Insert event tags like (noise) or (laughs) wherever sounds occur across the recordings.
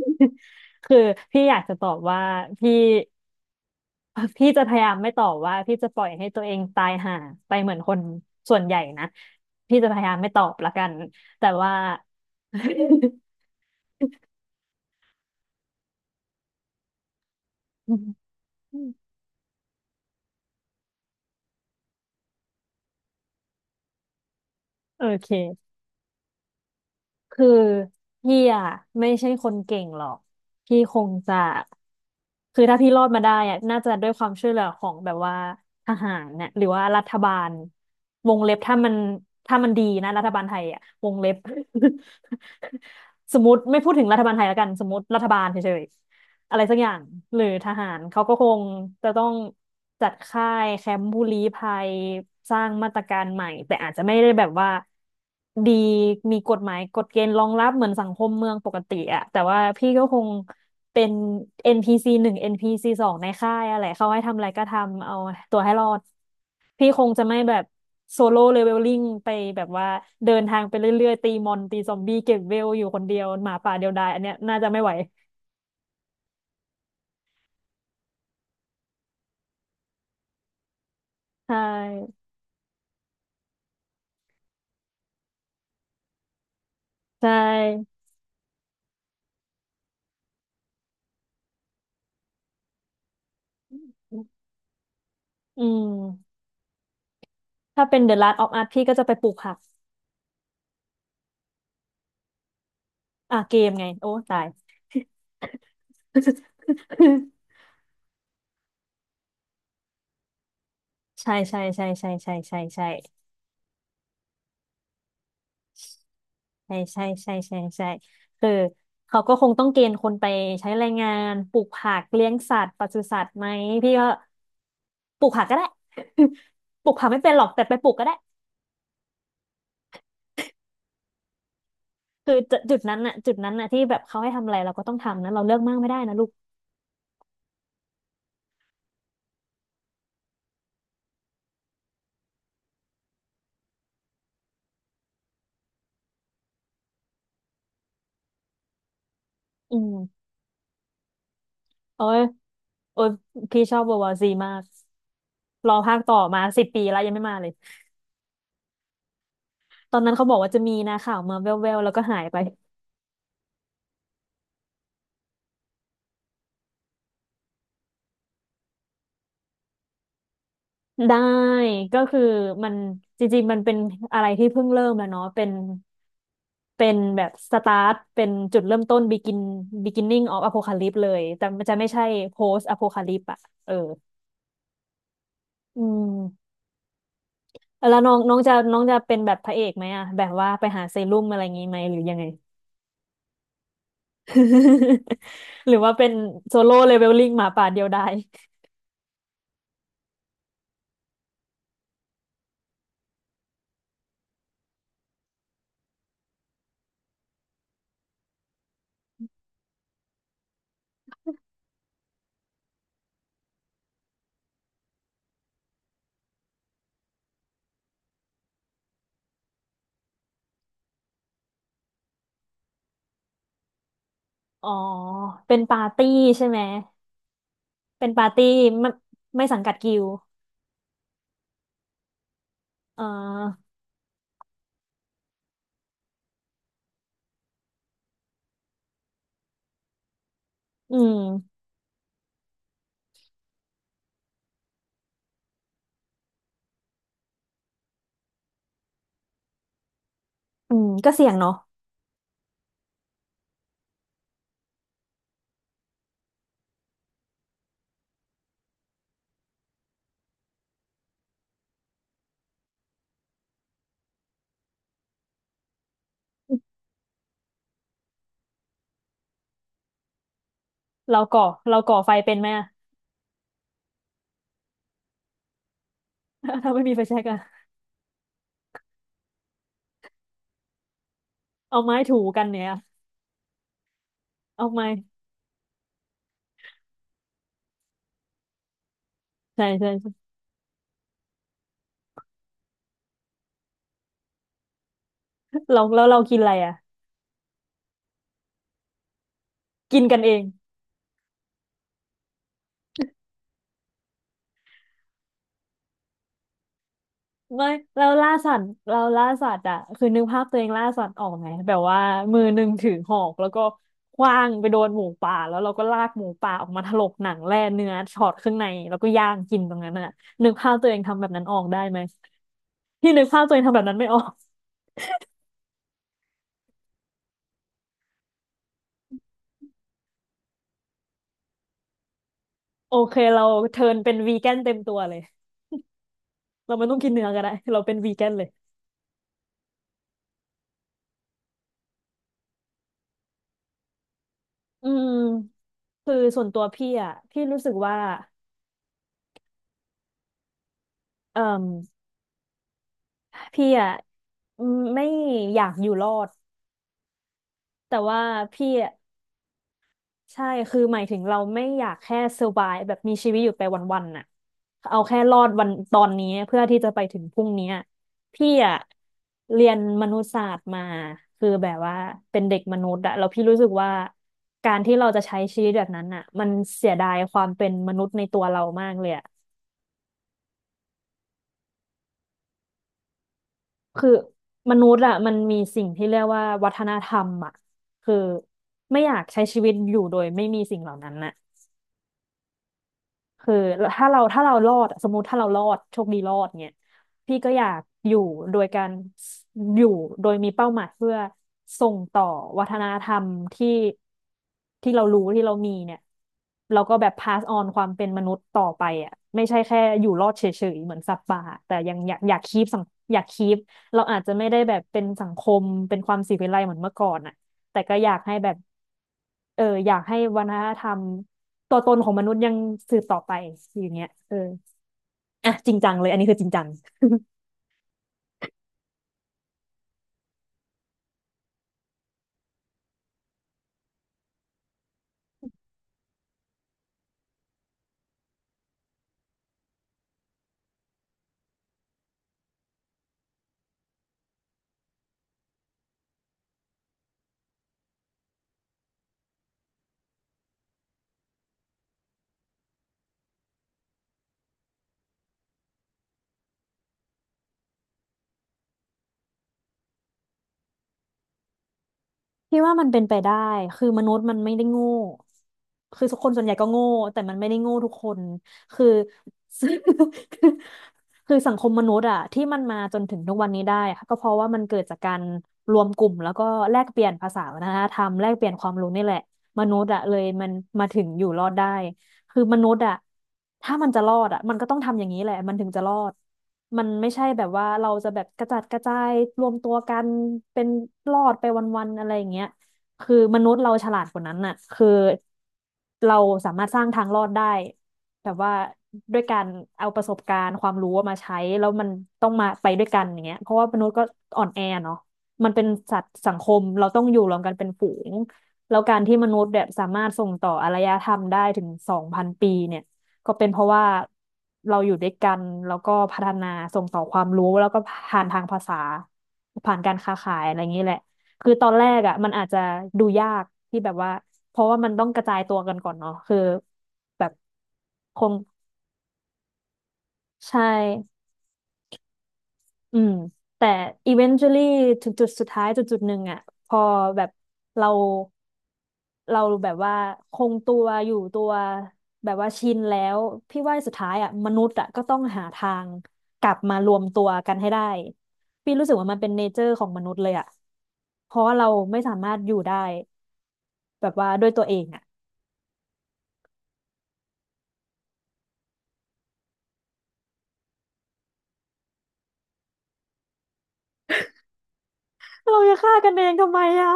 (laughs) คือพี่อยากจะตอบว่าพี่ (laughs) พี่จะพยายามไม่ตอบว่าพี่จะปล่อยให้ตัวเองตายห่าไปเหมือนคนส่วนใหญ่นะพี่จะพยายามไม่ตอบละกันแต่ว่า (laughs) โอเค คือพี่อ่ะไม่ใช่คนเก่งหรอกพี่คงจะคือถ้าพี่รอดมาได้อ่ะน่าจะด้วยความช่วยเหลือของแบบว่าทหารเนี่ยหรือว่ารัฐบาลวงเล็บถ้ามันดีนะรัฐบาลไทยอ่ะวงเล็บ (laughs) สมมติไม่พูดถึงรัฐบาลไทยแล้วกันสมมติรัฐบาลเฉยๆ อะไรสักอย่างหรือทหารเขาก็คงจะต้องจัดค่ายแคมป์ผู้ลี้ภัยสร้างมาตรการใหม่แต่อาจจะไม่ได้แบบว่าดีมีกฎหมายกฎเกณฑ์รองรับเหมือนสังคมเมืองปกติอะแต่ว่าพี่ก็คงเป็น NPC หนึ่ง NPC สองในค่ายอะไรเขาให้ทำอะไรก็ทำเอาตัวให้รอดพี่คงจะไม่แบบโซโล่เลเวลลิ่งไปแบบว่าเดินทางไปเรื่อยๆตีมอนตีซอมบี้เก็บเวลอยู่คนเดียวหมาป่าเดียวดายอันเนี้ยน่าจะไม่ไหวใช่ ใช่อืมถ้าเป็น The Last of Us พี่ก็จะไปปลูกผักอ่ะเกมไง โอ้ตาย (laughs) ใช่ใช่ใช่ใช่ใช่ใช่ใช่ใช่ใช่ใช่ใช่ใช่คือเขาก็คงต้องเกณฑ์คนไปใช้แรงงานปลูกผักเลี้ยงสัตว์ปศุสัตว์ไหมพี่ก็ปลูกผักก็ได้ (laughs) ปลูกผักไม่เป็นหรอกแต่ไปปลูกก็ได้คือจุดนั้นน่ะจุดนั้นน่ะที่แบบเขาให้ทำอะไรเราก็ต้องทำนะเราเลือกมากไม่ได้นะลูกอืม โอ้ยโอ้ยพี่ชอบวาวาซีมาก รอภาคต่อมา10 ปีแล้วยังไม่มาเลย ตอนนั้นเขาบอกว่าจะมีนะข่าวมาแว่วๆแล้วก็หายไป ได้ ก็คือมันจริงๆมันเป็นอะไรที่เพิ่งเริ่มแล้วเนาะเป็นแบบสตาร์ท เป็นจุดเริ่มต้น begin beginning of apocalypse เลย แต่มันจะไม่ใช่ post apocalypse อะเอออืมแล้วน้องน้องจะน้องจะเป็นแบบพระเอกไหมอะ แบบว่าไปหาเซรุ่มอะไรอย่างงี้ไหมหรือยังไง (laughs) หรือว่าเป็นโซโล่เลเวลลิ่งหมาป่าเดียวดายอ๋อ เป็นปาร์ตี้ใช่ไหม เป็นปาร์ตี้ไม่ไม่สังกัดกิลด์เอ่ออืมอืมก็เสี่ยงเนาะเราก่อเราก่อไฟเป็นไหมอะ (laughs) ถ้าไม่มีไฟแช็กอะ เอาไม้ถูกันเนี่ยเอาไม้ ใช่ใช่ใช่เราแล้วเรากินอะไรอะ กินกันเอง ไม่เราล่าสัตว์เราล่าสัตว์อ่ะคือนึกภาพตัวเองล่าสัตว์ออกไหมแบบว่ามือหนึ่งถือหอกแล้วก็ขว้างไปโดนหมูป่าแล้วเราก็ลากหมูป่าออกมาถลกหนังแล่เนื้อช็อตข้างในแล้วก็ย่างกินตรงนั้นอ่ะนึกภาพตัวเองทำแบบนั้นออกได้ไหมที่นึกภาพตัวเองทำแบบนั้นไม่ออกโอเคเราเทิร์นเป็นวีแกนเต็มตัวเลยเราไม่ต้องกินเนื้อก็ได้เราเป็นวีแกนเลยอืมคือส่วนตัวพี่อ่ะพี่รู้สึกว่าเอ่มพี่อ่ะอืมไม่อยากอยู่รอด แต่ว่าพี่อะใช่คือหมายถึงเราไม่อยากแค่ survive แบบมีชีวิตอยู่ไปวันๆน่ะเอาแค่รอดวันตอนนี้เพื่อที่จะไปถึงพรุ่งนี้อะพี่อะเรียนมนุษยศาสตร์มาคือแบบว่าเป็นเด็กมนุษย์อะแล้วพี่รู้สึกว่าการที่เราจะใช้ชีวิตแบบนั้นอะมันเสียดายความเป็นมนุษย์ในตัวเรามากเลยอะคือมนุษย์อะมันมีสิ่งที่เรียกว่าวัฒนธรรมอะคือไม่อยากใช้ชีวิตอยู่โดยไม่มีสิ่งเหล่านั้นน่ะ คือถ้าเรารอดอะสมมติถ้าเรารอดโชคดีรอดเนี่ยพี่ก็อยากอยู่โดยการอยู่โดยมีเป้าหมายเพื่อส่งต่อวัฒนธรรมที่ที่เรารู้ที่เรามีเนี่ยเราก็แบบ pass on ความเป็นมนุษย์ต่อไปอ่ะไม่ใช่แค่อยู่รอดเฉยๆเหมือนสัตว์ป่าแต่ยังอยากอยากคีปสังอยากคีปเราอาจจะไม่ได้แบบเป็นสังคมเป็นความสิวิไลเหมือนเมื่อก่อนอ่ะแต่ก็อยากให้แบบ เอออยากให้วัฒนธรรมตัวตนของมนุษย์ยังสืบต่อไปอย่างเงี้ยเอออ่ะจริงจังเลยอันนี้คือจริงจังพี่ว่ามันเป็นไปได้คือมนุษย์มันไม่ได้โง่คือคนส่วนใหญ่ก็โง่แต่มันไม่ได้โง่ทุกคนคือ (laughs) คือสังคมมนุษย์อะที่มันมาจนถึงทุกวันนี้ได้ค่ะก็เพราะว่ามันเกิดจากการรวมกลุ่มแล้วก็แลกเปลี่ยนภาษาวัฒนธรรมแลกเปลี่ยนความรู้นี่แหละมนุษย์อะเลยมันมาถึงอยู่รอดได้ คือมนุษย์อะถ้ามันจะรอดอะมันต้องทำอย่างนี้แหละมันถึงจะรอดมันไม่ใช่แบบว่าเราจะแบบกระจัดกระจายรวมตัวกันเป็นรอดไปวันๆอะไรอย่างเงี้ยคือมนุษย์เราฉลาดกว่านั้นน่ะคือเราสามารถสร้างทางรอดได้แบบว่าด้วยการเอาประสบการณ์ความรู้มาใช้แล้วมันต้องมาไปด้วยกันอย่างเงี้ยเพราะว่ามนุษย์ก็อ่อนแอเนาะมันเป็นสัตว์สังคมเราต้องอยู่รวมกันเป็นฝูง แล้วการที่มนุษย์แบบสามารถส่งต่ออารยธรรมได้ถึง2,000 ปีเนี่ยก็เป็นเพราะว่าเราอยู่ด้วยกันแล้วก็พัฒนาส่งต่อความรู้แล้วก็ผ่านทางภาษาผ่านการค้าขายอะไรอย่างนี้แหละคือตอนแรกอ่ะมันอาจจะดูยากที่แบบว่าเพราะว่ามันต้องกระจายตัวกันก่อนเนาะคือแบบคงใช่ อืมแต่ eventually ถึงจุดสุดท้ายจุดหนึ่งอ่ะพอแบบเราเราแบบว่าคงตัวอยู่ตัวแบบว่าชินแล้วพี่ว่าสุดท้ายอ่ะมนุษย์อ่ะก็ต้องหาทางกลับมารวมตัวกันให้ได้พี่รู้สึกว่ามันเป็นเนเจอร์ของมนุษย์เลยอ่ะเพราะว่าเราไม่สามารถอยู่ได้แบบว่าด้วยตัวเองอ่ะเราจะฆ่ากันเองทำไมอ่ะ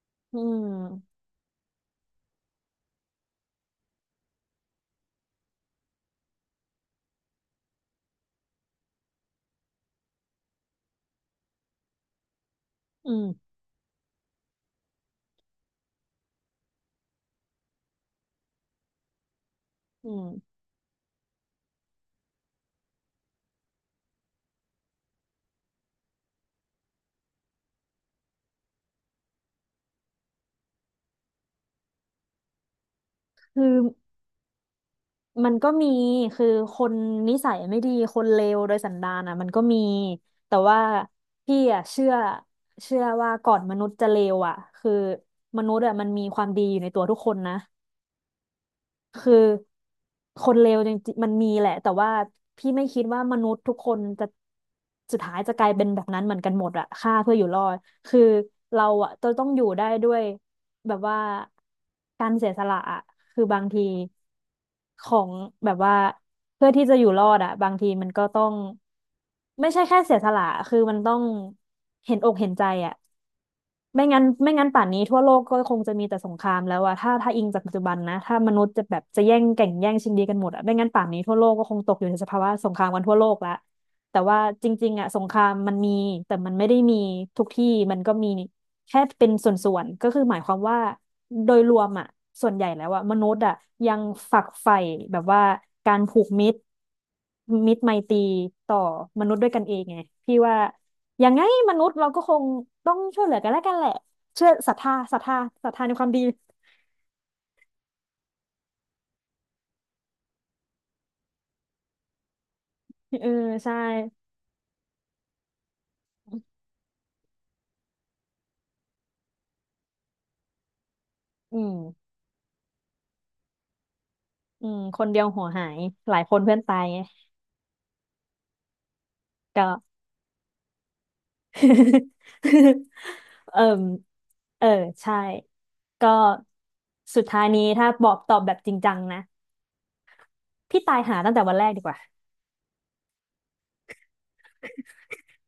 (laughs) อืมอืมอืมคือ มันก็มีคือคนนิสัยไม่ดี คนเลวโดยสันดานอ่ะมันก็มี แต่ว่าพี่อ่ะเชื่อว่าก่อนมนุษย์จะเลวอ่ะคือมนุษย์อ่ะมันมีความดีอยู่ในตัวทุกคนนะ คือคนเลวจริงๆมันมีแหละแต่ว่าพี่ไม่คิดว่ามนุษย์ทุกคนจะสุดท้ายจะกลายเป็นแบบนั้นเหมือนกันหมดอะฆ่าเพื่ออยู่รอดคือเราอะจะต้องอยู่ได้ด้วยแบบว่าการเสียสละอะคือบางทีของแบบว่าเพื่อที่จะอยู่รอดอะบางทีมันก็ต้องไม่ใช่แค่เสียสละคือมันต้องเห็นอกเห็นใจอะ ไม่งั้นป่านนี้ทั่วโลกก็คงจะมีแต่สงครามแล้วอะถ้าอิงจากปัจจุบันนะถ้ามนุษย์จะแบบจะแย่งแก่งแย่งชิงดีกันหมดอะไม่งั้นป่านนี้ทั่วโลกก็คงตกอยู่ในสภาวะสงครามกันทั่วโลกละแต่ว่าจริงๆอะสงครามมันมีแต่มันไม่ได้มีทุกที่มันก็มีแค่เป็นส่วนๆก็คือหมายความว่าโดยรวมอะส่วนใหญ่แล้วอะมนุษย์อะยังฝักใฝ่แบบว่าการผูกมิตรมิตรไมตรีต่อมนุษย์ด้วยกันเองไงพี่ว่า ยังไงมนุษย์เราก็คงต้องช่วยเหลือกันแล้วกันแหละเชื่อศรัทธาในความดีเออใช่อืมอืมคนเดียวหัวหายหลายคนเพื่อนตายไงก็ (laughs) เออเออใช่ก็สุดท้ายนี้ถ้าบอกตอบแบบจริงจังนะพี่ตายหาตั้งแต่วันแรกดีกว่า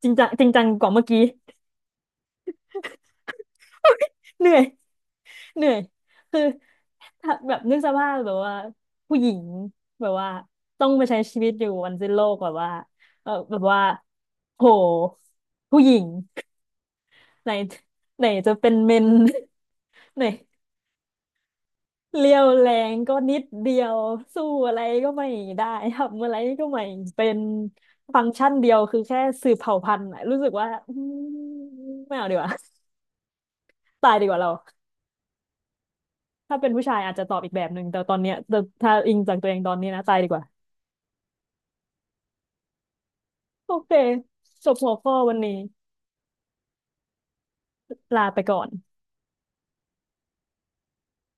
จริงจังกว่าเมื่อกี้เหนื่อย เหนื่อยคือถ้าแบบนึกสภาพแบบว่าผู้หญิงแบบว่าต้องไปใช้ชีวิตอยู่วันสิ้นโลกแบบว่าเออแบบว่าโหผู้หญิง (laughs) ไหนไหนจะเป็นเมน (laughs) ไหนเรียวแรงก็นิดเดียวสู้อะไรก็ไม่ได้ทำอะไรก็ไม่เป็นฟังก์ชันเดียวคือแค่สืบเผ่าพันธุ์อะรู้สึกว่าอืมไม่เอาดีกว่าตายดีกว่าเรา ถ้าเป็นผู้ชายอาจจะตอบอีกแบบหนึ่งแต่ตอนเนี้ยแต่ถ้าอิงจากตัวเองตอนนี้นะตายดีกว่าโอเคจบหัวข้อวันนี้ลาไปก่อน